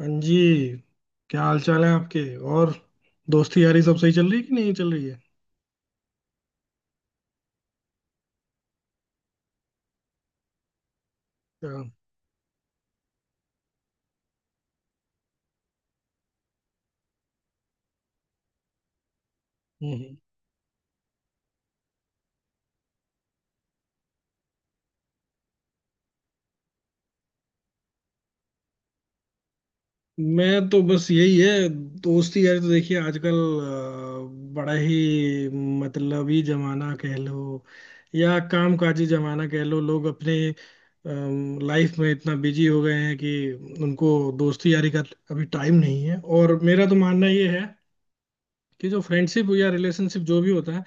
हाँ जी। क्या हाल चाल है आपके? और दोस्ती यारी सब सही चल रही है कि नहीं चल रही है? क्या, हम्म। हम्म। मैं तो, बस यही है। दोस्ती यारी तो देखिए, आजकल बड़ा ही मतलबी जमाना कह लो, या कामकाजी जमाना कह लो। लोग अपने लाइफ में इतना बिजी हो गए हैं कि उनको दोस्ती यारी का अभी टाइम नहीं है। और मेरा तो मानना ये है कि जो फ्रेंडशिप या रिलेशनशिप जो भी होता है,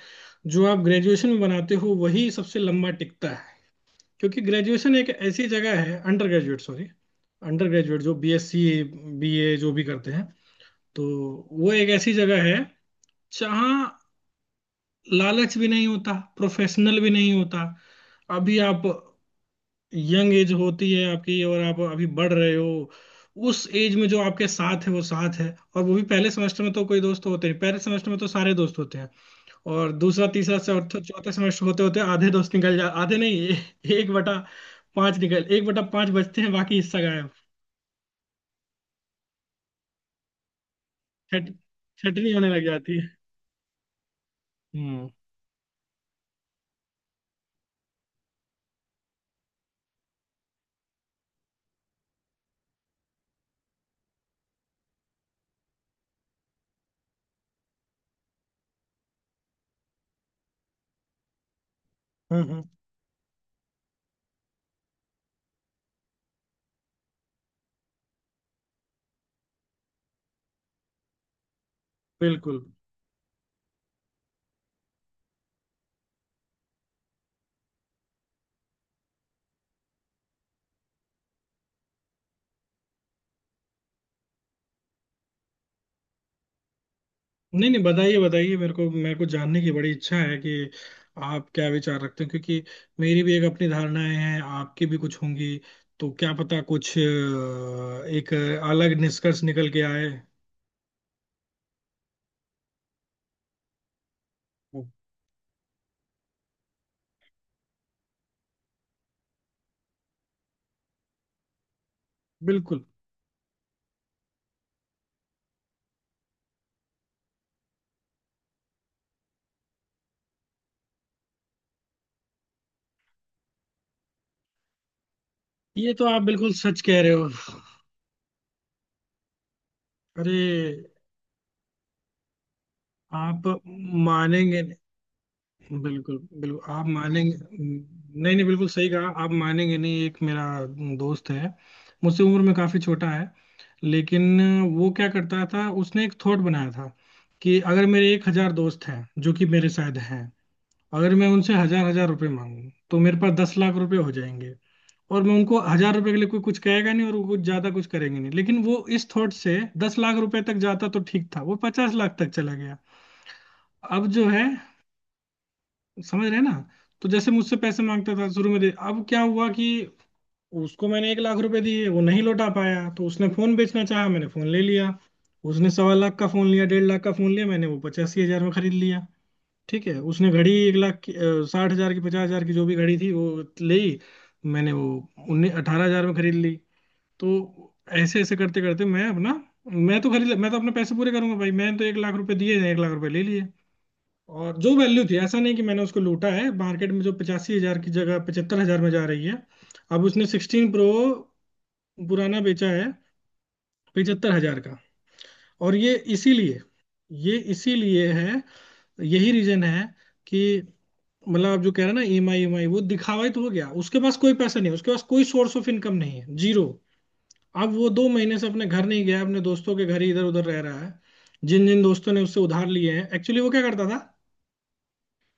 जो आप ग्रेजुएशन में बनाते हो वही सबसे लंबा टिकता है। क्योंकि ग्रेजुएशन एक ऐसी जगह है, अंडर ग्रेजुएट जो BSc BA जो भी करते हैं, तो वो एक ऐसी जगह है जहाँ लालच भी नहीं होता, प्रोफेशनल भी नहीं होता। अभी आप, यंग एज होती है आपकी, और आप अभी बढ़ रहे हो। उस एज में जो आपके साथ है वो साथ है। और वो भी, पहले सेमेस्टर में तो कोई दोस्त होते नहीं, पहले सेमेस्टर में तो सारे दोस्त होते हैं। और दूसरा तीसरा चौथा चौथा सेमेस्टर होते होते आधे दोस्त निकल जा, आधे नहीं, एक बटा पांच निकल, एक बटा पांच बचते हैं, बाकी हिस्सा गायब। छट छटनी होने लग जाती है। हम्म, हम्म, हम्म। बिल्कुल। नहीं नहीं, बताइए बताइए, मेरे को जानने की बड़ी इच्छा है कि आप क्या विचार रखते हैं। क्योंकि मेरी भी एक अपनी धारणाएं हैं, आपकी भी कुछ होंगी, तो क्या पता कुछ एक अलग निष्कर्ष निकल के आए। बिल्कुल। ये तो आप बिल्कुल सच कह रहे हो। अरे, आप मानेंगे नहीं। बिल्कुल बिल्कुल, आप मानेंगे। नहीं नहीं, बिल्कुल सही कहा। आप मानेंगे नहीं। एक मेरा दोस्त है, मुझसे उम्र में काफी छोटा है। लेकिन वो क्या करता था, उसने एक थॉट बनाया था कि अगर मेरे 1000 दोस्त हैं, जो कि मेरे शायद हैं, अगर मैं उनसे हजार हजार रुपए मांगू तो मेरे पास 10 लाख रुपए हो जाएंगे। और मैं उनको हजार रुपए के लिए, कोई कुछ कहेगा नहीं और वो कुछ ज्यादा कुछ करेंगे नहीं। लेकिन वो इस थॉट से 10 लाख रुपए तक जाता तो ठीक था, वो 50 लाख तक चला गया। अब जो है, समझ रहे हैं ना? तो जैसे मुझसे पैसे मांगता था शुरू में दे, अब क्या हुआ कि उसको मैंने 1 लाख रुपए दिए, वो नहीं लौटा पाया। तो उसने फोन बेचना चाहा, मैंने फोन ले लिया। उसने 1.25 लाख का फोन लिया, 1.5 लाख का फोन लिया, मैंने वो 85,000 में खरीद लिया। ठीक है, उसने घड़ी 1 लाख की 60,000 की, 50,000 की, जो भी घड़ी थी वो ली, मैंने वो उन्नीस अठारह हजार में खरीद ली। तो ऐसे ऐसे करते करते, मैं अपना, मैं तो खरीद, मैं तो अपने पैसे पूरे करूंगा भाई। मैंने तो 1 लाख रुपए दिए, 1 लाख रुपए ले लिए। और जो वैल्यू थी, ऐसा नहीं कि मैंने उसको लूटा है, मार्केट में जो 85,000 की जगह 75,000 में जा रही है। अब उसने 16 Pro पुराना बेचा है, 75,000 का। और ये इसीलिए, ये इसीलिए है, यही रीजन है, कि मतलब, आप जो कह रहे हैं ना, EMI, EMI, वो दिखावा ही तो हो गया। उसके पास कोई पैसा नहीं है, उसके पास कोई सोर्स ऑफ इनकम नहीं है, जीरो। अब वो 2 महीने से अपने घर नहीं गया, अपने दोस्तों के घर ही इधर उधर रह रहा है। जिन जिन दोस्तों ने उससे उधार लिए हैं, एक्चुअली वो क्या करता था,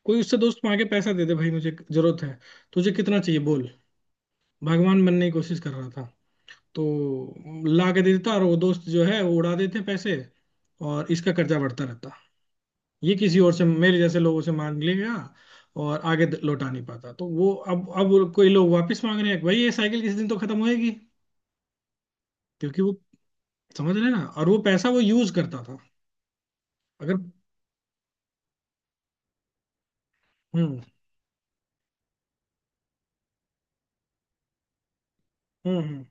कोई उससे दोस्त मांगे के पैसा दे दे भाई मुझे जरूरत है, तुझे कितना चाहिए बोल, भगवान बनने की कोशिश कर रहा था। तो ला के दे देता, और वो दोस्त जो है वो उड़ा देते पैसे, और इसका कर्जा बढ़ता रहता। ये किसी और से, मेरे जैसे लोगों से मांग लेगा। और आगे लौटा नहीं पाता। तो वो, अब वो, कोई लोग वापस मांग रहे हैं, भाई ये साइकिल किसी दिन तो खत्म होएगी। क्योंकि वो, समझ रहे हैं ना, और वो पैसा वो यूज करता था। अगर हम्म, हम्म, हम्म,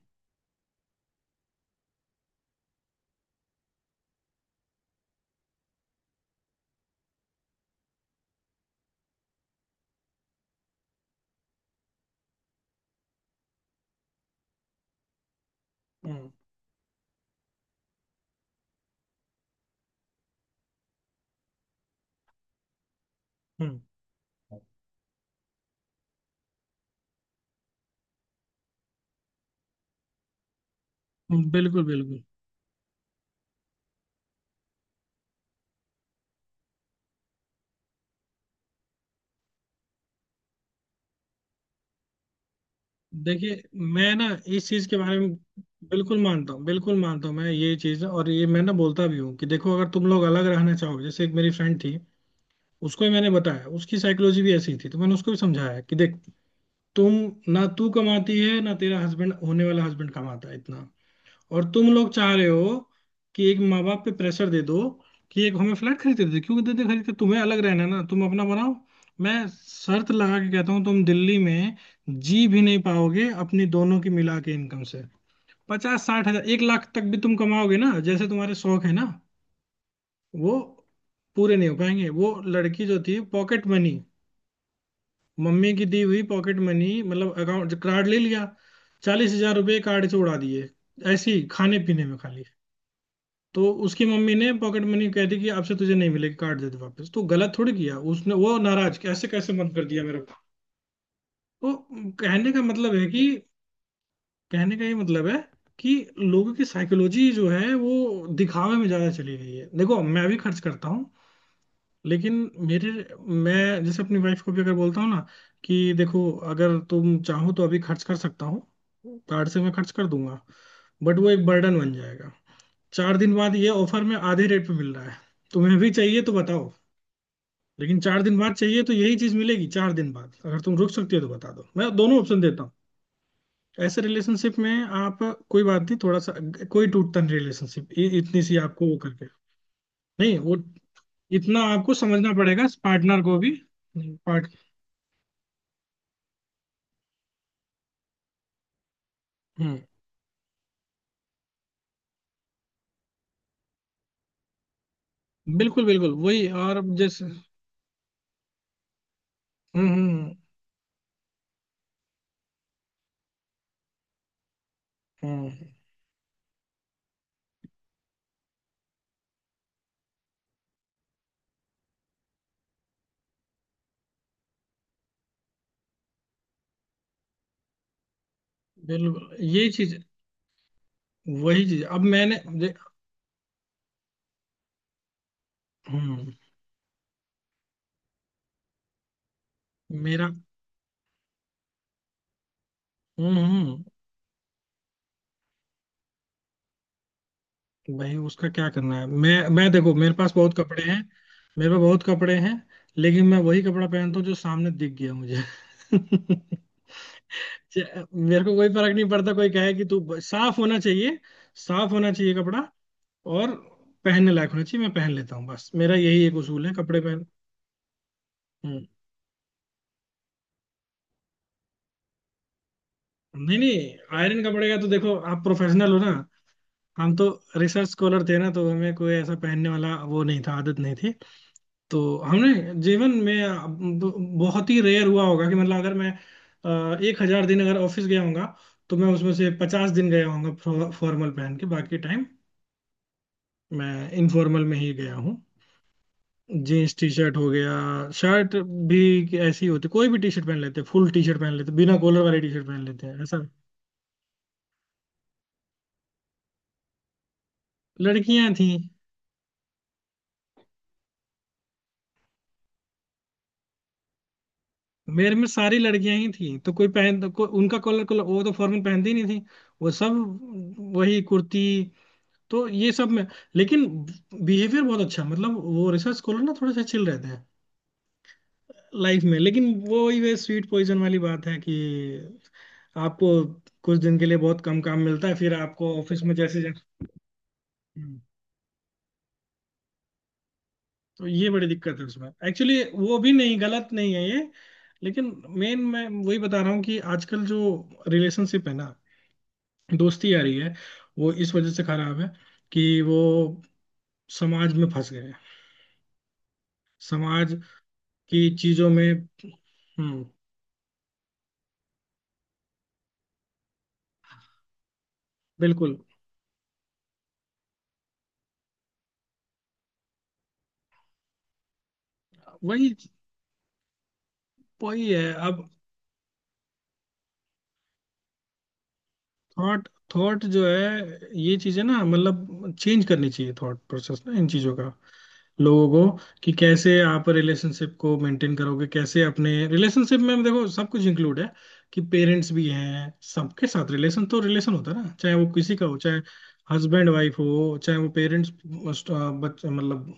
हम्म, हम्म, हम्म। बिल्कुल बिल्कुल। देखिए, मैं ना इस चीज के बारे में बिल्कुल मानता हूँ, बिल्कुल मानता हूँ मैं ये चीज। और ये मैं ना बोलता भी हूँ कि देखो, अगर तुम लोग अलग रहना चाहोगे। जैसे एक मेरी फ्रेंड थी, उसको ही मैंने बताया। उसकी साइकोलॉजी भी ऐसी थी, तो मैंने उसको भी समझाया कि देख, तुम ना, तू कमाती है ना, तेरा हस्बैंड, होने वाला हस्बैंड, कमाता है इतना। और तुम लोग चाह रहे हो कि एक माँ बाप पे प्रेशर दे दो, कि एक हमें फ्लैट खरीदते दे। क्यों देते खरीदते, तुम्हें अलग रहना है ना, तुम अपना बनाओ। मैं शर्त लगा के कहता हूँ, तुम दिल्ली में जी भी नहीं पाओगे अपनी दोनों की मिला के इनकम से। 50-60 हजार, 1 लाख तक भी तुम कमाओगे ना, जैसे तुम्हारे शौक है ना वो पूरे नहीं हो पाएंगे। वो लड़की जो थी, पॉकेट मनी, मम्मी की दी हुई पॉकेट मनी, मतलब अकाउंट कार्ड ले लिया, 40,000 रुपये कार्ड से उड़ा दिए, ऐसे ही खाने पीने में खाली। तो उसकी मम्मी ने पॉकेट मनी कह दी कि आपसे तुझे नहीं मिलेगी, कार्ड दे दे वापस। तो गलत थोड़ी किया उसने, वो नाराज, कैसे कैसे मन कर दिया मेरे को। तो कहने का मतलब है कि, कहने का ये मतलब है कि लोगों की साइकोलॉजी जो है वो दिखावे में ज्यादा चली गई है। देखो, मैं भी खर्च करता हूँ, लेकिन मेरे मैं जैसे अपनी वाइफ को भी अगर बोलता हूँ ना कि देखो, अगर तुम चाहो तो अभी खर्च कर सकता हूँ, कार्ड से मैं खर्च कर दूंगा, बट वो एक बर्डन बन जाएगा। चार दिन बाद ये ऑफर में आधे रेट पे मिल रहा है, तुम्हें भी चाहिए तो बताओ। लेकिन चार दिन बाद चाहिए तो यही चीज मिलेगी, चार दिन बाद अगर तुम रुक सकती हो तो बता दो, मैं दोनों ऑप्शन देता हूँ। ऐसे रिलेशनशिप में आप, कोई बात नहीं थोड़ा सा, कोई टूटता नहीं रिलेशनशिप इतनी सी आपको वो करके। नहीं वो, इतना आपको समझना पड़ेगा पार्टनर को भी पार्ट हम्म, बिल्कुल बिल्कुल वही। और अब जैसे, हम्म, हम्म, हम्म। बिल्कुल ये चीज, वही चीज, अब मैंने हम्म। मेरा, हम्म, हम्म। भाई उसका क्या करना है, मैं देखो, मेरे पास बहुत कपड़े हैं। मेरे पास बहुत कपड़े हैं, लेकिन मैं वही कपड़ा पहनता हूँ जो सामने दिख गया मुझे। मेरे को कोई फर्क नहीं पड़ता, कोई कहे कि तू साफ होना चाहिए। साफ होना चाहिए कपड़ा, और पहनने लायक होना चाहिए, मैं पहन लेता हूँ। बस मेरा यही एक उसूल है कपड़े पहन। हम्म। नहीं नहीं, आयरन कपड़े का तो देखो, आप प्रोफेशनल हो ना, हम तो रिसर्च स्कॉलर थे ना, तो हमें कोई ऐसा पहनने वाला वो नहीं था, आदत नहीं। तो हमने जीवन में, अब बहुत ही रेयर हुआ होगा कि, मतलब अगर मैं 1000 दिन अगर ऑफिस गया होगा, तो मैं उसमें से 50 दिन गया होगा फॉर्मल पहन के। बाकी टाइम मैं इनफॉर्मल में ही गया हूँ। जीन्स टी शर्ट हो गया, शर्ट भी ऐसी ही होती, कोई भी टी शर्ट पहन लेते, फुल टी शर्ट पहन लेते, बिना कॉलर वाली टी शर्ट पहन लेते हैं, ऐसा। लड़कियां थी, मेरे में सारी लड़कियां ही थी, तो कोई पहन को, उनका कॉलर कॉलर, वो तो फॉर्मल पहनती ही नहीं थी, वो सब वही कुर्ती। तो ये सब में, लेकिन बिहेवियर बहुत अच्छा है। मतलब वो रिसर्च स्कॉलर ना थोड़े से चिल रहते हैं लाइफ में, लेकिन वो वही, वे स्वीट पॉइजन वाली बात है कि आपको कुछ दिन के लिए बहुत कम काम मिलता है, फिर आपको ऑफिस में, जैसे जैसे, हम्म। तो ये बड़ी दिक्कत है उसमें, एक्चुअली वो भी नहीं, गलत नहीं है ये, लेकिन मेन मैं वही बता रहा हूँ कि आजकल जो रिलेशनशिप है ना, दोस्ती आ रही है, वो इस वजह से खराब है कि वो समाज में फंस गए हैं। समाज की चीजों में। हम्म। बिल्कुल वही, वही है अब। थॉट, थॉट जो है, ये चीजें ना मतलब चेंज करनी चाहिए, थॉट प्रोसेस ना इन चीजों का, लोगों को, कि कैसे आप रिलेशनशिप को मेंटेन करोगे, कैसे अपने रिलेशनशिप में। देखो सब कुछ इंक्लूड है, कि पेरेंट्स भी हैं, सबके साथ रिलेशन तो रिलेशन होता है ना, चाहे वो किसी का हो, चाहे हस्बैंड वाइफ हो, चाहे वो पेरेंट्स बच्चा, मतलब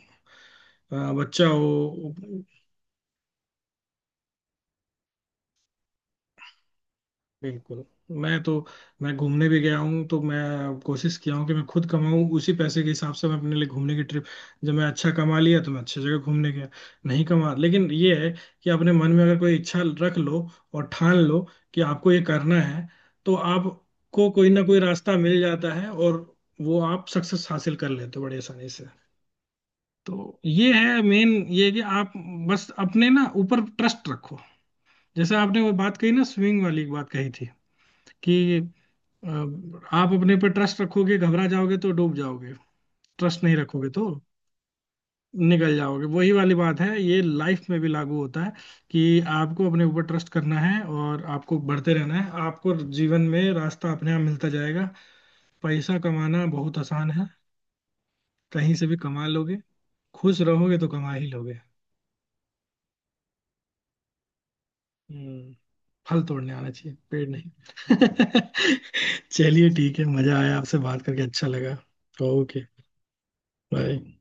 बच्चा हो। बिल्कुल। मैं तो मैं घूमने भी गया हूँ तो मैं कोशिश किया हूँ कि मैं खुद कमाऊँ, उसी पैसे के हिसाब से मैं अपने लिए घूमने की ट्रिप, जब मैं अच्छा कमा लिया तो मैं अच्छी जगह घूमने गया, नहीं कमा। लेकिन ये है कि अपने मन में अगर कोई इच्छा रख लो और ठान लो कि आपको ये करना है, तो आपको कोई ना कोई रास्ता मिल जाता है, और वो आप सक्सेस हासिल कर लेते हो बड़ी आसानी से। तो ये है मेन, ये है कि आप बस अपने ना ऊपर ट्रस्ट रखो। जैसे आपने वो बात कही ना, स्विंग वाली बात कही थी कि अब आप अपने पर ट्रस्ट रखोगे, घबरा जाओगे तो डूब जाओगे, ट्रस्ट नहीं रखोगे तो निकल जाओगे। वही वाली बात है, ये लाइफ में भी लागू होता है कि आपको अपने ऊपर ट्रस्ट करना है, और आपको बढ़ते रहना है। आपको जीवन में रास्ता अपने आप मिलता जाएगा। पैसा कमाना बहुत आसान है, कहीं से भी कमा लोगे, खुश रहोगे तो कमा ही लोगे। हम्म। फल तोड़ने आना चाहिए, पेड़ नहीं। चलिए ठीक है, मजा आया, आपसे बात करके अच्छा लगा। ओके। बाय।